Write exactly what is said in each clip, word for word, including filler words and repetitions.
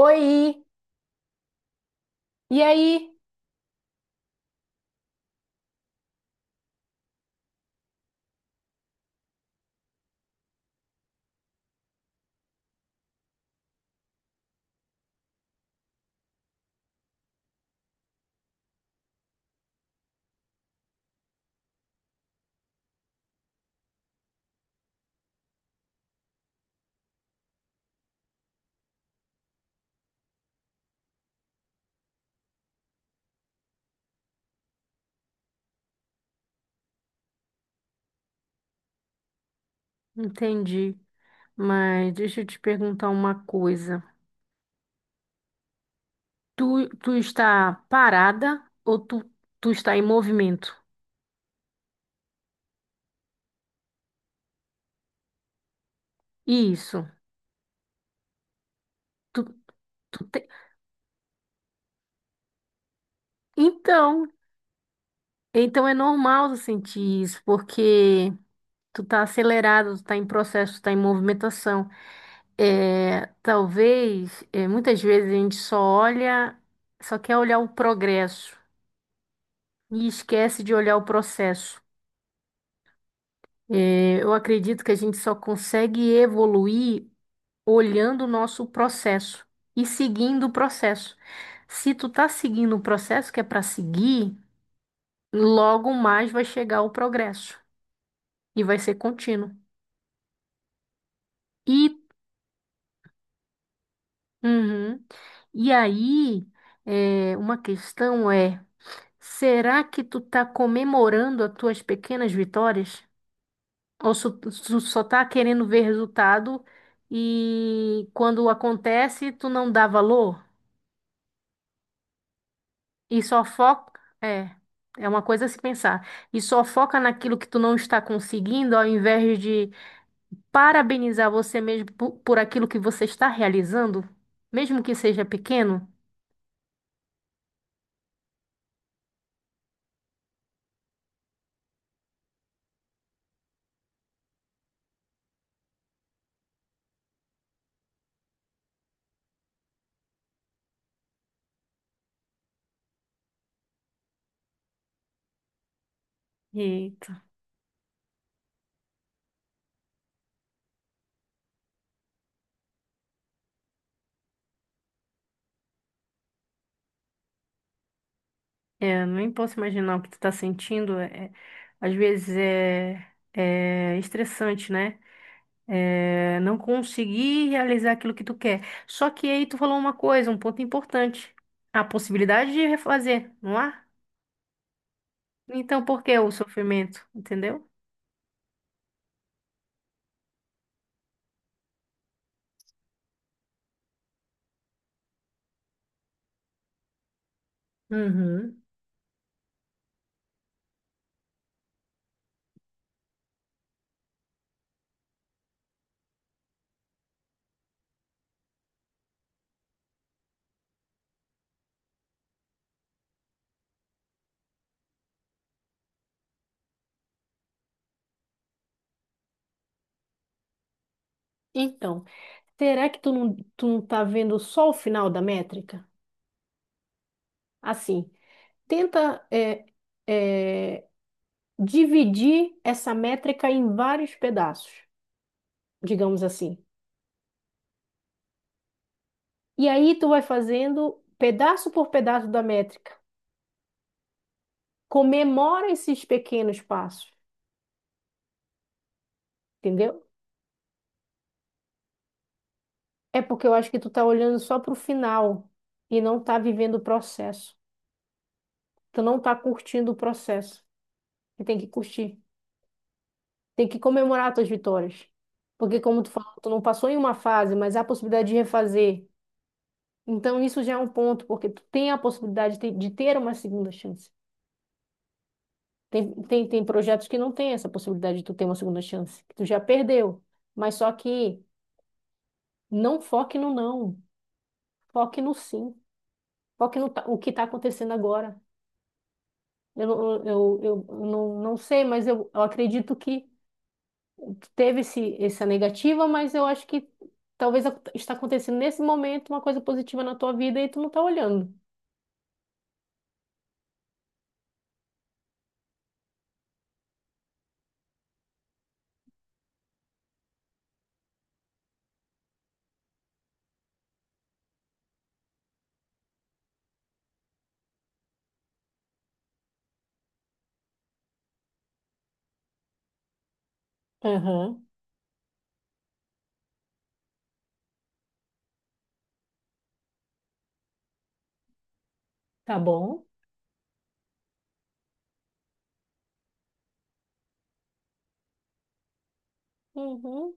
Oi, e aí? Entendi. Mas deixa eu te perguntar uma coisa. Tu, tu está parada ou tu, tu está em movimento? Isso. Tu, tu te- Então, então é normal tu sentir isso, porque tu tá acelerado, tu tá em processo, tu tá em movimentação. É, talvez, é, muitas vezes a gente só olha, só quer olhar o progresso e esquece de olhar o processo. É, eu acredito que a gente só consegue evoluir olhando o nosso processo e seguindo o processo. Se tu tá seguindo o processo que é para seguir, logo mais vai chegar o progresso e vai ser contínuo. E, uhum. E aí, é, uma questão é, será que tu tá comemorando as tuas pequenas vitórias? Ou su- tu só tá querendo ver resultado e quando acontece, tu não dá valor e só foca. É, é uma coisa a se pensar. E só foca naquilo que tu não está conseguindo, ao invés de parabenizar você mesmo por por, aquilo que você está realizando, mesmo que seja pequeno. Eita, é, nem posso imaginar o que tu tá sentindo. É, às vezes é, é estressante, né? É, não conseguir realizar aquilo que tu quer. Só que aí tu falou uma coisa, um ponto importante. A possibilidade de refazer, não há? Então, por que o sofrimento? Entendeu? Uhum. Então, será que tu não, tu não tá vendo só o final da métrica? Assim, tenta é, é, dividir essa métrica em vários pedaços, digamos assim. E aí tu vai fazendo pedaço por pedaço da métrica. Comemora esses pequenos passos. Entendeu? É porque eu acho que tu tá olhando só pro final e não tá vivendo o processo. Tu não tá curtindo o processo. E tem que curtir. Tem que comemorar as tuas vitórias. Porque como tu falou, tu não passou em uma fase, mas há a possibilidade de refazer. Então isso já é um ponto, porque tu tem a possibilidade de ter de ter uma segunda chance. Tem, tem, tem projetos que não tem essa possibilidade de tu ter uma segunda chance, que tu já perdeu. Mas só que não foque no não, foque no sim, foque no ta- o que está acontecendo agora. Eu, eu, eu, eu não, não sei, mas eu, eu acredito que teve esse, essa negativa, mas eu acho que talvez ac- está acontecendo nesse momento uma coisa positiva na tua vida e tu não tá olhando. Aham, tá bom. Uhum.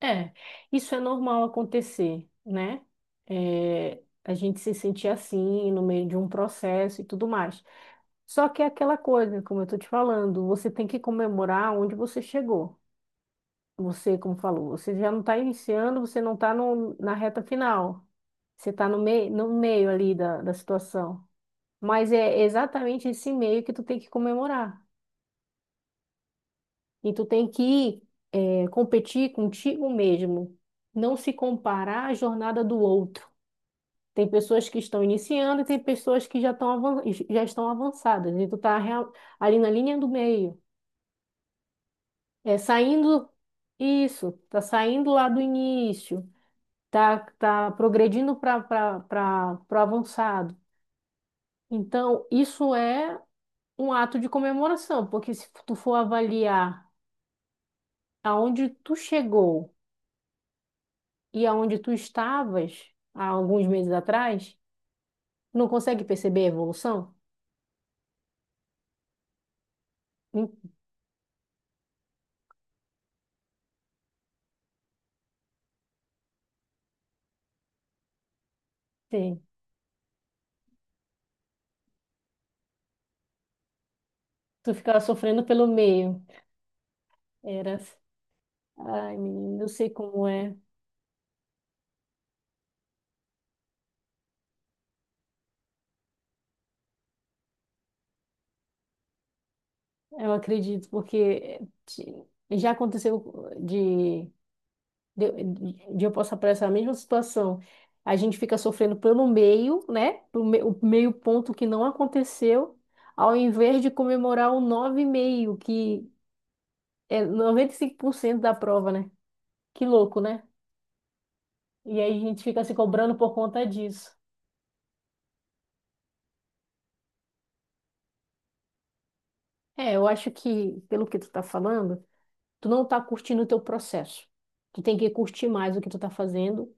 É, isso é normal acontecer, né? É, a gente se sentir assim no meio de um processo e tudo mais. Só que é aquela coisa, como eu tô te falando, você tem que comemorar onde você chegou. Você, como falou, você já não está iniciando, você não está na reta final. Você está no meio, no meio ali da, da situação. Mas é exatamente esse meio que tu tem que comemorar. E tu tem que é, competir contigo mesmo. Não se comparar à jornada do outro. Tem pessoas que estão iniciando e tem pessoas que já estão avan- já estão avançadas. E tu tá real- ali na linha do meio. É, saindo... Isso, tá saindo lá do início, tá, tá progredindo para o avançado. Então, isso é um ato de comemoração, porque se tu for avaliar aonde tu chegou e aonde tu estavas há alguns meses atrás, não consegue perceber a evolução? Entende? Tu ficava sofrendo pelo meio. Era assim. Ai, menina, eu sei como é. Eu acredito, porque eh, já aconteceu de de, de eu passar por essa mesma situação. A gente fica sofrendo pelo meio, né? O, me- o meio ponto que não aconteceu, ao invés de comemorar o nove e meio, que é noventa e cinco por cento da prova, né? Que louco, né? E aí a gente fica se cobrando por conta disso. É, eu acho que, pelo que tu tá falando, tu não tá curtindo o teu processo. Tu tem que curtir mais o que tu tá fazendo,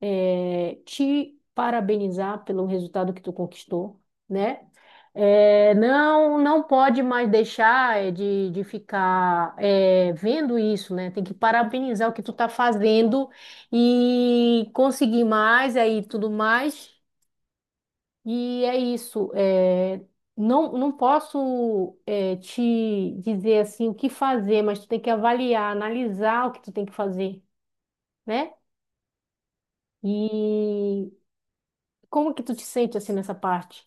é, te parabenizar pelo resultado que tu conquistou, né? É, não, não pode mais deixar é, de, de ficar é, vendo isso, né? Tem que parabenizar o que tu está fazendo e conseguir mais aí tudo mais. E é isso. É, não, não posso é, te dizer assim o que fazer, mas tu tem que avaliar, analisar o que tu tem que fazer, né? E como que tu te sente assim nessa parte?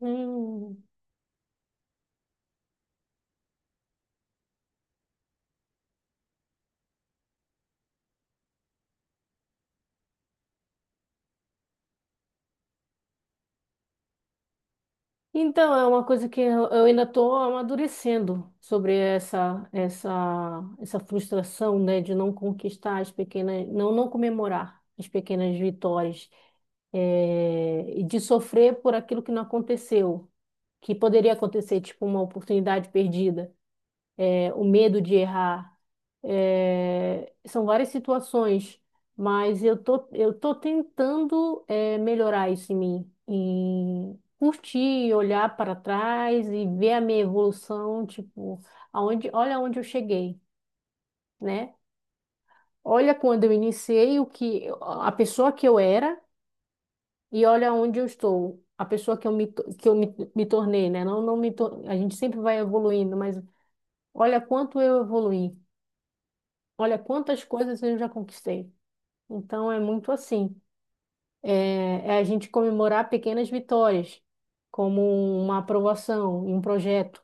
Hum. Então, é uma coisa que eu eu ainda estou amadurecendo sobre essa essa essa frustração, né, de não conquistar as pequenas, não não comemorar as pequenas vitórias, eh, e de sofrer por aquilo que não aconteceu, que poderia acontecer, tipo uma oportunidade perdida, o medo de errar. É, são várias situações, mas eu tô, eu tô tentando é, melhorar isso em mim, em curtir, olhar para trás e ver a minha evolução, tipo, aonde, olha onde eu cheguei, né? Olha quando eu iniciei, o que a pessoa que eu era, e olha onde eu estou, a pessoa que eu me, to- que eu me, me tornei, né? Não, não me, tor- A gente sempre vai evoluindo, mas olha quanto eu evoluí. Olha quantas coisas eu já conquistei. Então é muito assim. É, é a gente comemorar pequenas vitórias, como uma aprovação em um projeto.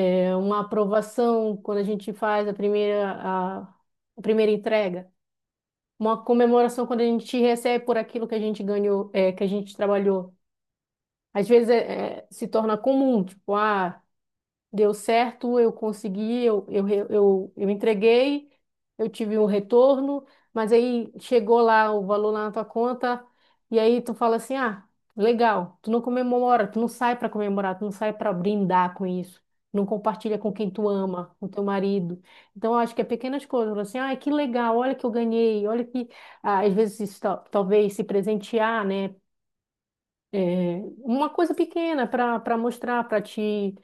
É uma aprovação quando a gente faz a primeira, a, a primeira entrega. Uma comemoração quando a gente recebe por aquilo que a gente ganhou, é, que a gente trabalhou. Às vezes é- é- se torna comum, tipo, ah, deu certo, eu consegui, eu, eu, re- eu, eu entreguei, eu tive um retorno, mas aí chegou lá o valor lá na tua conta, e aí tu fala assim, ah, legal, tu não comemora, tu não sai para comemorar, tu não sai para brindar com isso. Não compartilha com quem tu ama, com teu marido. Então, eu acho que é pequenas coisas. Fala assim, ai, que legal, olha que eu ganhei, olha que, ah, às vezes, isso tal- talvez se presentear, né? É, uma coisa pequena para para mostrar, para te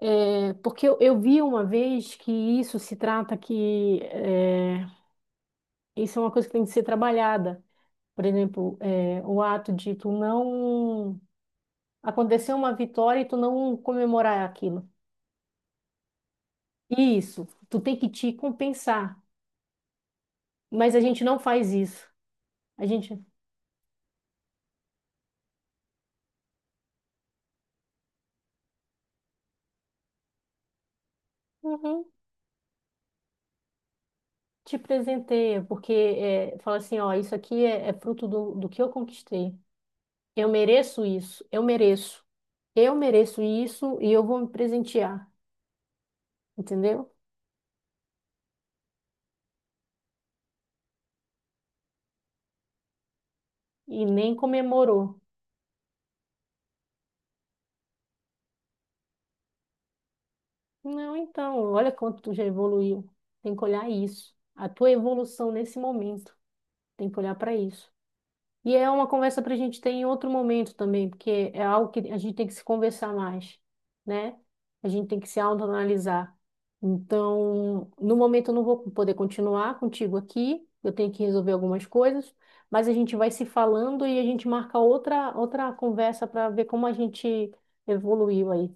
é, porque eu, eu vi uma vez que isso se trata que é, isso é uma coisa que tem que ser trabalhada. Por exemplo, é, o ato de tu não acontecer uma vitória e tu não comemorar aquilo. Isso, tu tem que te compensar. Mas a gente não faz isso. A gente uhum, Te presenteia, porque é, fala assim, ó, isso aqui é, é fruto do, do que eu conquistei. Eu mereço isso, eu mereço. Eu mereço isso e eu vou me presentear, entendeu? E nem comemorou. Não, então, olha quanto tu já evoluiu. Tem que olhar isso. A tua evolução nesse momento. Tem que olhar para isso. E é uma conversa para a gente ter em outro momento também, porque é algo que a gente tem que se conversar mais, né? A gente tem que se autoanalisar. Então, no momento eu não vou poder continuar contigo aqui, eu tenho que resolver algumas coisas, mas a gente vai se falando e a gente marca outra outra conversa para ver como a gente evoluiu aí.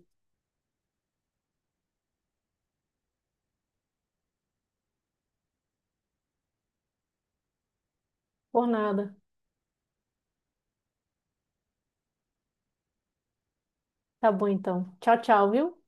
Por nada. Tá bom, então. Tchau, tchau, viu?